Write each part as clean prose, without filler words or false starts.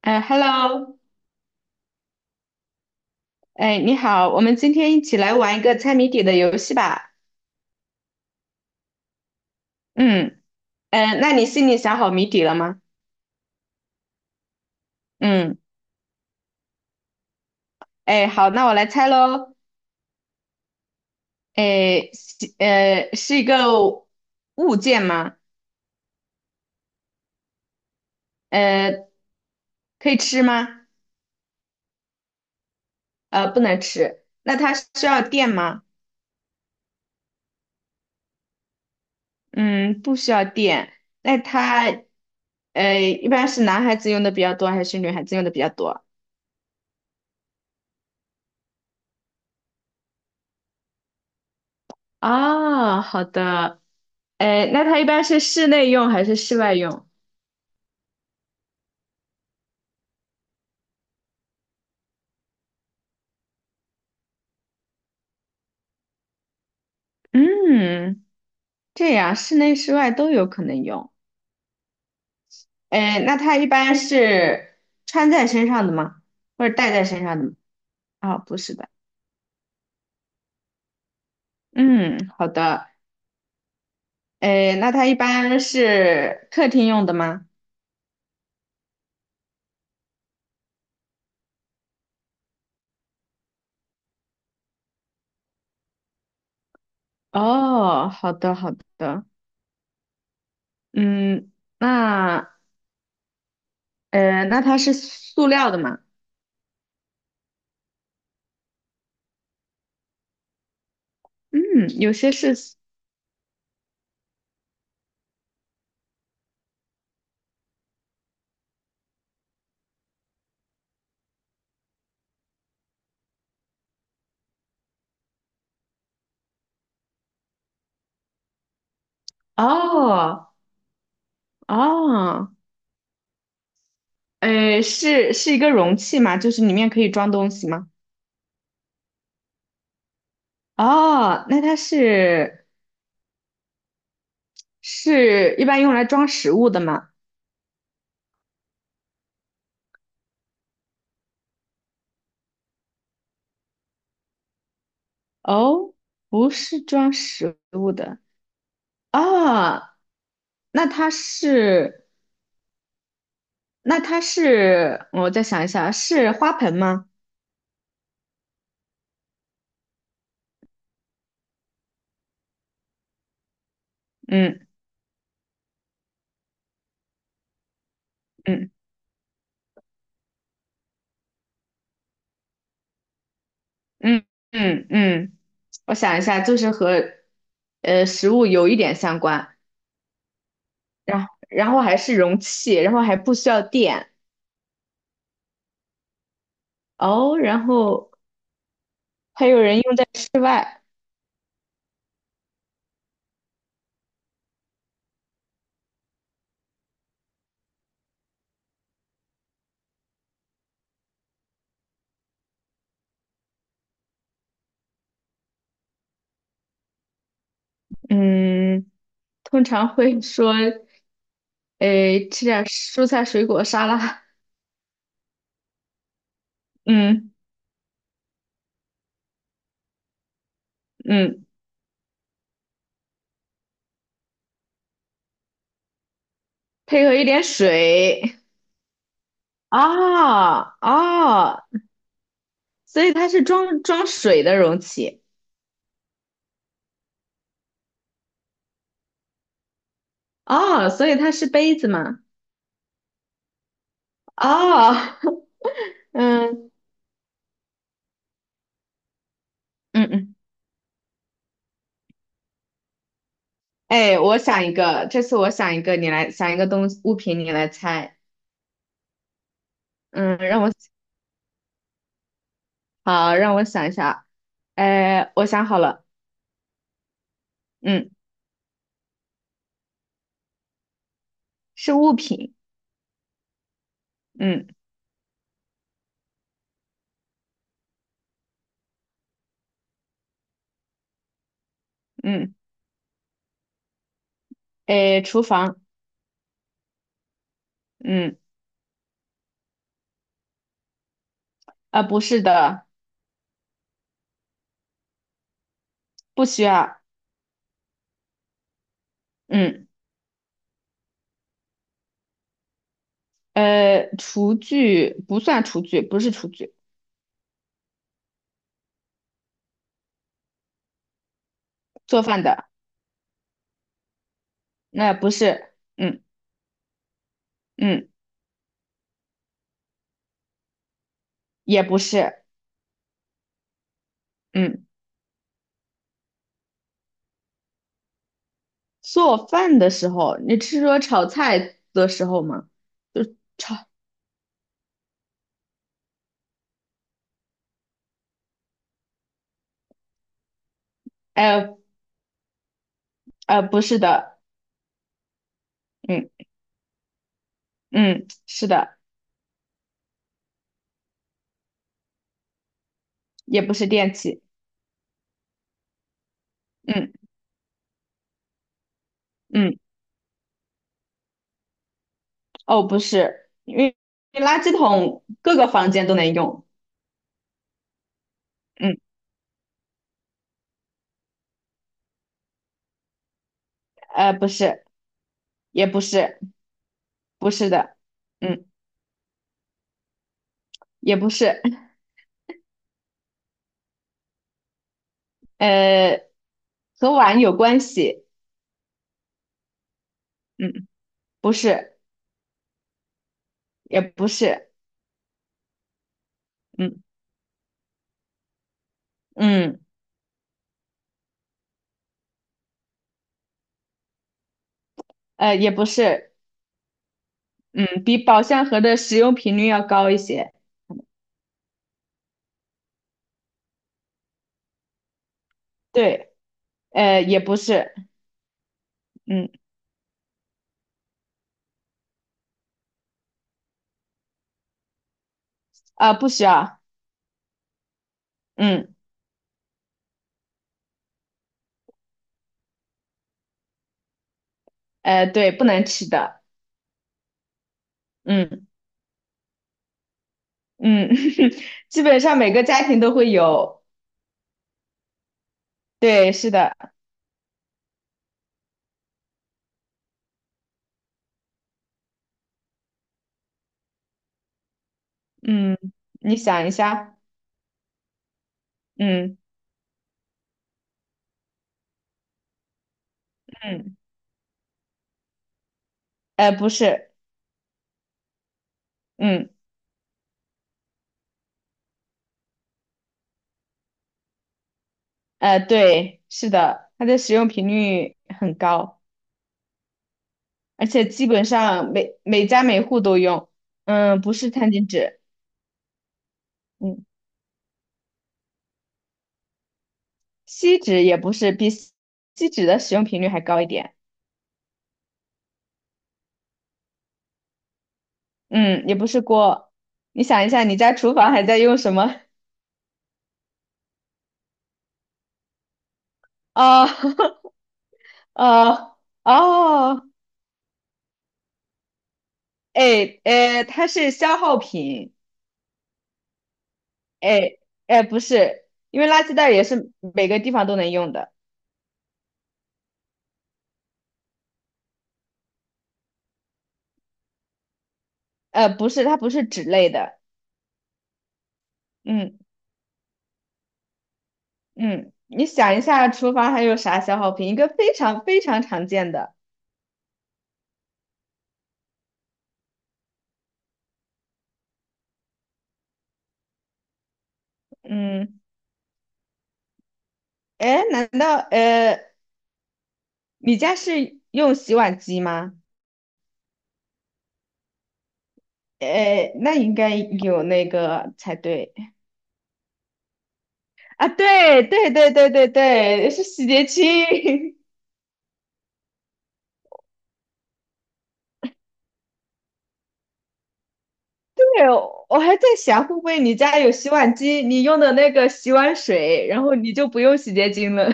哎，Hello，哎，你好，我们今天一起来玩一个猜谜底的游戏吧。嗯，嗯，那你心里想好谜底了吗？嗯，哎，好，那我来猜喽。哎，是一个物件吗？呃，可以吃吗？呃，不能吃。那它需要电吗？嗯，不需要电。那它一般是男孩子用的比较多，还是女孩子用的比较多？哦，好的。哎，那它一般是室内用还是室外用？嗯，这样室内室外都有可能用。哎，那它一般是穿在身上的吗？或者戴在身上的哦，啊不是的。嗯，好的。哎，那它一般是客厅用的吗？哦，好的，好的。嗯，那那它是塑料的吗？嗯，有些是塑哦哦，是一个容器吗？就是里面可以装东西吗？哦，那它是一般用来装食物的吗？哦，不是装食物的啊，那它是，那它是，我再想一下，是花盆吗？嗯嗯嗯嗯嗯，我想一下，就是和食物有一点相关，然后还是容器，然后还不需要电哦，然后还有人用在室外，嗯，通常会说。诶，吃点蔬菜水果沙拉，嗯嗯配合一点水。啊啊，所以它是装水的容器。哦，所以它是杯子嘛？哦，嗯，嗯嗯，哎，我想一个，这次我想一个，你来想一个东西物品，你来猜。嗯，让我好，让我想一下。哎，我想好了，嗯是物品。嗯嗯哎，厨房。嗯，啊，不是的，不需要。嗯，厨具不算厨具，不是厨具，做饭的那不是，嗯嗯，也不是，嗯，做饭的时候，你是说炒菜的时候吗？就炒，呃不是的，嗯嗯，是的，也不是电器，嗯嗯，哦，不是，因为垃圾桶各个房间都能用，嗯不是，也不是，不是的，嗯，也不是。呃，和碗有关系，嗯不是，也不是，嗯，嗯，呃，也不是，嗯，比宝相盒的使用频率要高一些，对，呃，也不是，嗯，啊、不需要，嗯，呃，对，不能吃的，嗯嗯，基本上每个家庭都会有，对，是的，嗯，你想一下，嗯嗯，呃，不是，嗯，呃，对，是的，它的使用频率很高。而且基本上每家每户都用，嗯，不是餐巾纸，嗯，锡纸也不是，锡纸的使用频率还高一点，嗯，也不是锅。你想一下，你家厨房还在用什么？哦，哦，哦，哎，哎，它是消耗品，哎，哎，不是，因为垃圾袋也是每个地方都能用的，呃，不是，它不是纸类的，嗯嗯，你想一下，厨房还有啥消耗品？一个非常常见的。嗯，哎，难道你家是用洗碗机吗？哎，那应该有那个才对啊！对，是洗洁精。对，我还在想，会不会你家有洗碗机，你用的那个洗碗水，然后你就不用洗洁精了？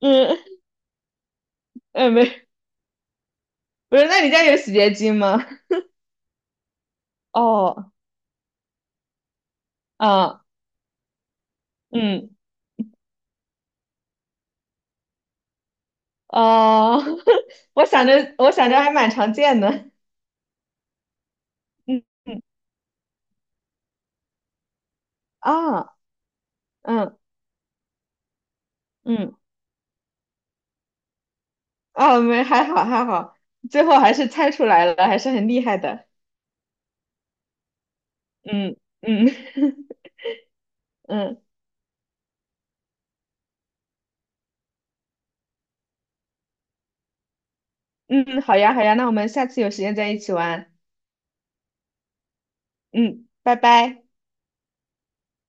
嗯，哎，没，不是，那你家有洗洁精吗？哦，啊，嗯，哦，我想着，我想着还蛮常见的。嗯嗯啊，嗯嗯。啊，没，还好还好，最后还是猜出来了，还是很厉害的。嗯嗯 嗯嗯，好呀好呀，那我们下次有时间再一起玩。嗯，拜拜。